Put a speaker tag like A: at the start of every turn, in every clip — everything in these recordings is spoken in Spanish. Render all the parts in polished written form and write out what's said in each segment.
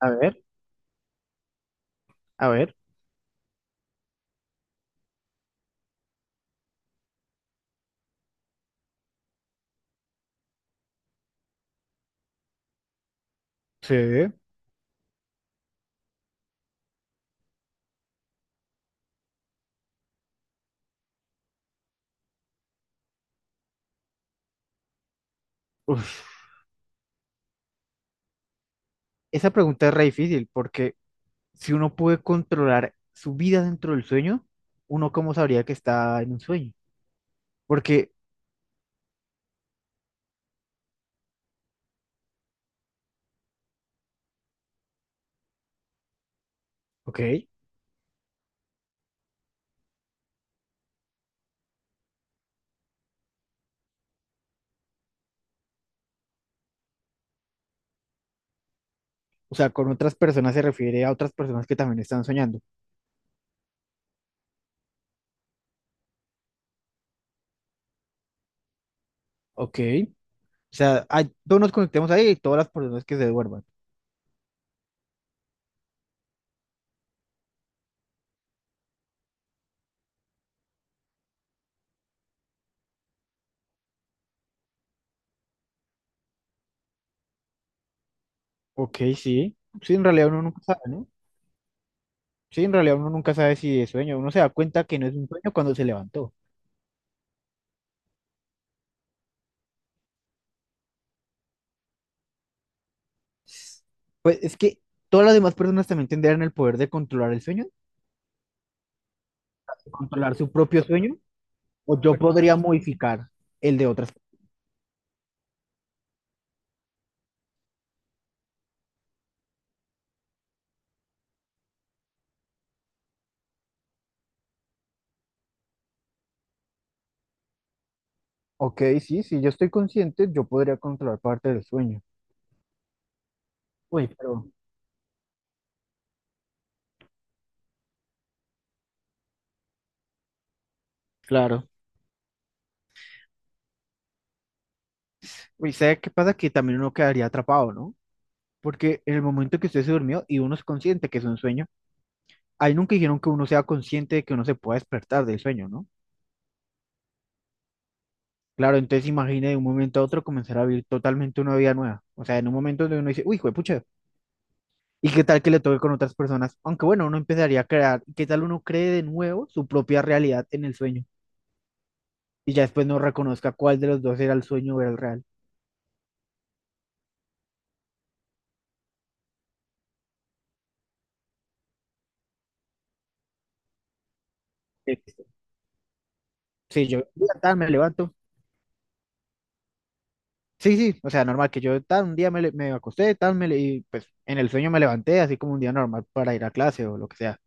A: A ver, a ver. Sí, uf, esa pregunta es re difícil porque si uno puede controlar su vida dentro del sueño, uno cómo sabría que está en un sueño. Porque, ok, o sea, con otras personas se refiere a otras personas que también están soñando. Ok, o sea, todos nos conectemos ahí y todas las personas que se duerman. Ok, sí. Sí, en realidad uno nunca sabe, ¿no? Sí, en realidad uno nunca sabe si es sueño. Uno se da cuenta que no es un sueño cuando se levantó. Pues es que todas las demás personas también tendrían el poder de controlar el sueño. Controlar su propio sueño o yo podría modificar el de otras. Ok, sí, si yo estoy consciente, yo podría controlar parte del sueño. Uy, pero claro. Uy, ¿sabe qué pasa? Que también uno quedaría atrapado, ¿no? Porque en el momento que usted se durmió y uno es consciente que es un sueño, ahí nunca dijeron que uno sea consciente de que uno se pueda despertar del sueño, ¿no? Claro, entonces imagine de un momento a otro comenzar a vivir totalmente una vida nueva. O sea, en un momento donde uno dice, uy, pucha, ¿y qué tal que le toque con otras personas? Aunque bueno, uno empezaría a crear, ¿qué tal uno cree de nuevo su propia realidad en el sueño? Y ya después no reconozca cuál de los dos era el sueño o era el real. Listo. Sí, yo un día tal me levanto. Sí, sí, o sea, normal que yo tal un día me acosté, tal y pues en el sueño me levanté, así como un día normal para ir a clase o lo que sea.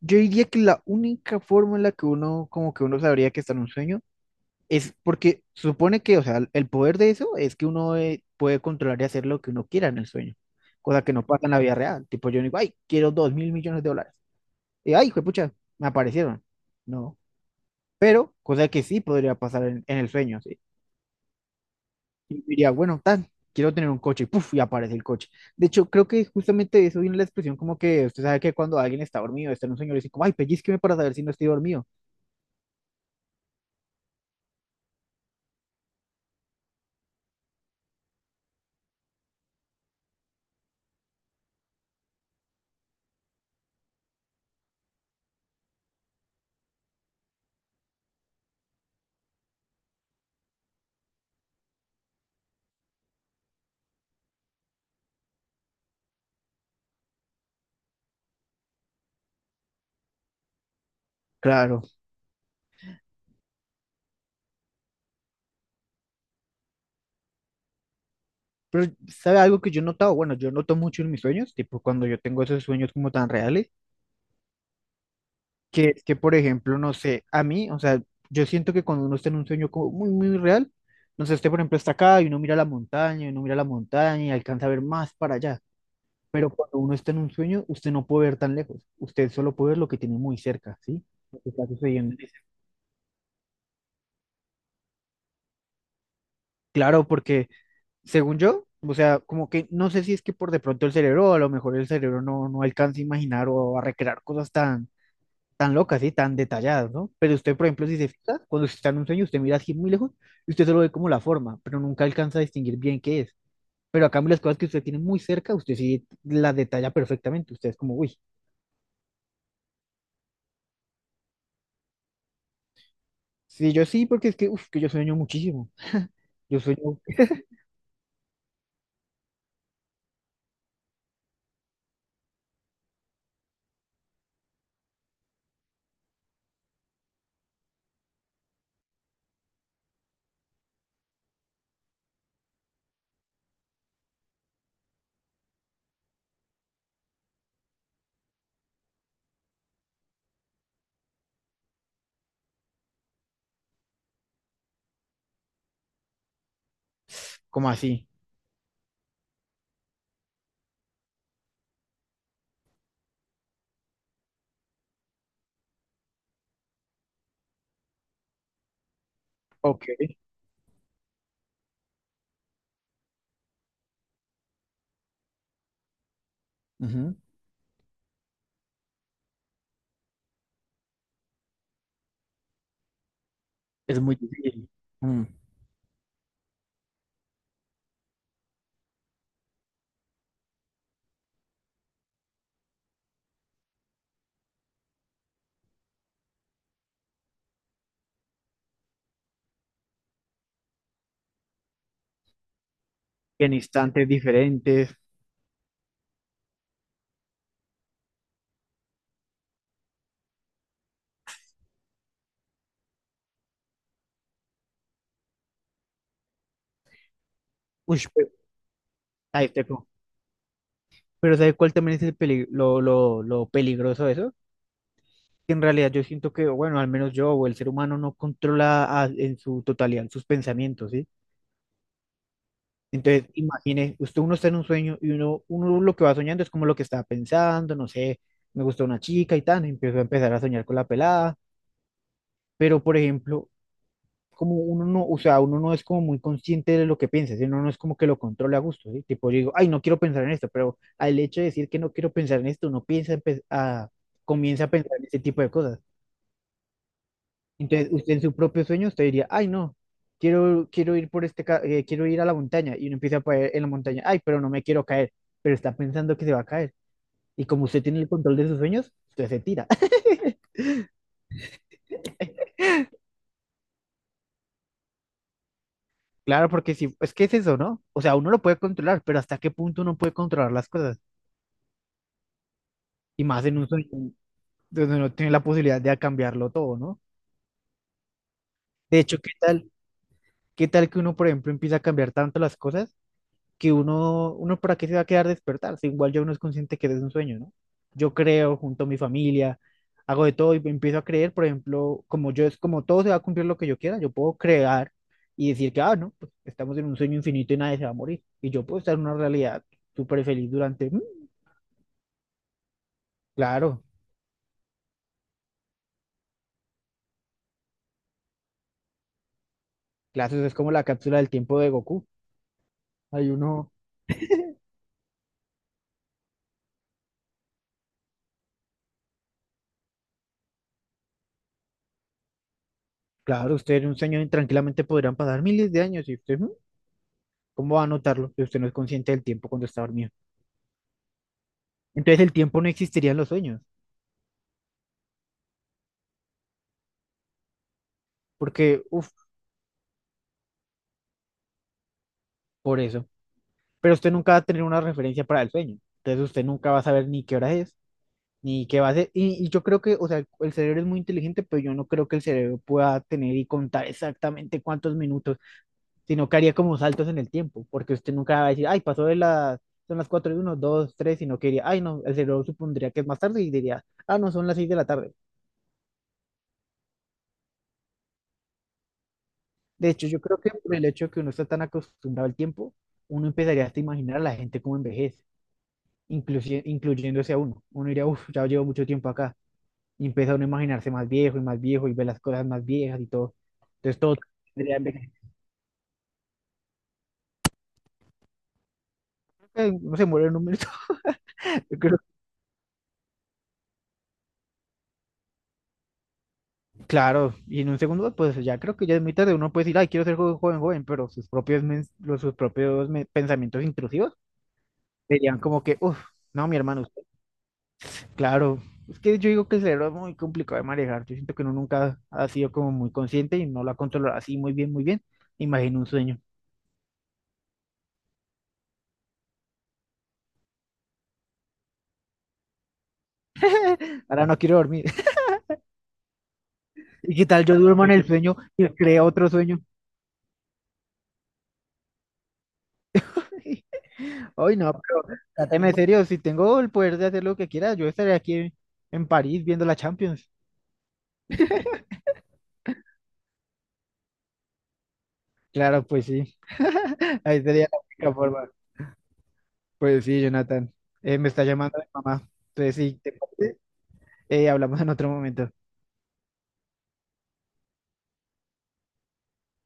A: Yo diría que la única forma en la que uno, como que uno sabría que está en un sueño es porque supone que, o sea, el poder de eso es que uno puede controlar y hacer lo que uno quiera en el sueño, cosa que no pasa en la vida real. Tipo, yo no digo, ay, quiero 2.000 millones de dólares. Y, ay, pucha, me aparecieron. No, pero cosa que sí podría pasar en el sueño, sí. Y diría, bueno, tan, quiero tener un coche, y puf, y aparece el coche. De hecho, creo que justamente de eso viene la expresión como que usted sabe que cuando alguien está dormido, está en un sueño, le dicen como, ay, pellizqueme para saber si no estoy dormido. Claro, pero, ¿sabe algo que yo he notado? Bueno, yo noto mucho en mis sueños, tipo cuando yo tengo esos sueños como tan reales, que es que, por ejemplo, no sé, a mí, o sea, yo siento que cuando uno está en un sueño como muy, muy real, no sé, este, por ejemplo, está acá y uno mira la montaña, y uno mira la montaña y alcanza a ver más para allá. Pero cuando uno está en un sueño, usted no puede ver tan lejos, usted solo puede ver lo que tiene muy cerca, ¿sí? Lo que está sucediendo. Claro, porque según yo, o sea, como que no sé si es que por de pronto el cerebro, a lo mejor el cerebro no alcanza a imaginar o a recrear cosas tan tan locas, ¿sí? Tan detalladas, ¿no? Pero usted, por ejemplo, si se fija, cuando usted está en un sueño, usted mira así muy lejos y usted solo ve como la forma, pero nunca alcanza a distinguir bien qué es. Pero a cambio, las cosas que usted tiene muy cerca, usted sí las detalla perfectamente. Usted es como, uy, sí, yo sí, porque es que, uf, que yo sueño muchísimo. Yo sueño como así. Ok. Ujú. Es muy difícil. Mm. En instantes diferentes. Uy, pero, ahí está como- pero ¿sabe cuál también es el lo peligroso de eso? En realidad yo siento que, bueno, al menos yo o el ser humano no controla en su totalidad sus pensamientos, ¿sí? Entonces, imagine, usted uno está en un sueño y uno lo que va soñando es como lo que estaba pensando, no sé, me gustó una chica y tal, empiezo a empezar a soñar con la pelada, pero por ejemplo, como uno no, o sea, uno no es como muy consciente de lo que piensa, ¿sí? Uno no es como que lo controle a gusto, ¿sí? Tipo, yo digo, ay, no quiero pensar en esto, pero al hecho de decir que no quiero pensar en esto, uno piensa, comienza a pensar en ese tipo de cosas. Entonces, usted en su propio sueño, usted diría, ay, no, quiero, quiero ir por este, quiero ir a la montaña. Y uno empieza a caer en la montaña, ay, pero no me quiero caer, pero está pensando que se va a caer. Y como usted tiene el control de sus sueños, usted se tira. Claro, porque si, es que es eso, ¿no? O sea, uno lo puede controlar, pero ¿hasta qué punto uno puede controlar las cosas? Y más en un sueño donde uno tiene la posibilidad de cambiarlo todo, ¿no? De hecho, qué tal que uno, por ejemplo, empieza a cambiar tanto las cosas que uno, uno para qué se va a quedar despertar, si igual ya uno es consciente que es un sueño, ¿no? Yo creo junto a mi familia, hago de todo y empiezo a creer, por ejemplo, como yo es como todo se va a cumplir lo que yo quiera, yo puedo crear y decir que, ah, no, pues estamos en un sueño infinito y nadie se va a morir. Y yo puedo estar en una realidad súper feliz durante, mm, claro, claro, eso es como la cápsula del tiempo de Goku. Hay uno, claro, ustedes en un sueño tranquilamente podrán pasar miles de años y usted, mm, ¿cómo va a notarlo? Si usted no es consciente del tiempo cuando está dormido. Entonces el tiempo no existiría en los sueños. Porque, uff, por eso. Pero usted nunca va a tener una referencia para el sueño. Entonces usted nunca va a saber ni qué hora es, ni qué va a hacer. Y yo creo que, o sea, el cerebro es muy inteligente, pero yo no creo que el cerebro pueda tener y contar exactamente cuántos minutos, sino que haría como saltos en el tiempo, porque usted nunca va a decir, ay, pasó de las, son las 4 y uno 2 3 sino que diría, ay, no, el cerebro supondría que es más tarde y diría, ah, no, son las 6 de la tarde. De hecho, yo creo que por el hecho de que uno está tan acostumbrado al tiempo, uno empezaría hasta a imaginar a la gente como envejece. Incluyéndose a uno. Uno diría, uff, ya llevo mucho tiempo acá. Y empieza uno a imaginarse más viejo y ve las cosas más viejas y todo. Entonces todo tendría no se muere en un minuto. Yo creo- claro, y en un segundo, pues ya creo que ya es muy tarde. Uno puede decir, ay, quiero ser joven, joven, joven", pero sus propios, los, sus propios pensamientos intrusivos serían como que, uff, no, mi hermano, usted- claro. Es que yo digo que el cerebro es muy complicado de manejar. Yo siento que uno nunca ha sido como muy consciente y no lo ha controlado así muy bien, muy bien. Imagino un sueño. Ahora no quiero dormir. ¿Y qué tal yo duermo en el sueño y creo otro sueño? Ay, no, pero tráteme serio, si tengo el poder de hacer lo que quiera, yo estaré aquí en París viendo la Champions. Claro, pues sí, ahí sería la única forma. Pues sí, Jonathan, eh, me está llamando mi mamá. Entonces, sí, te parece, hablamos en otro momento.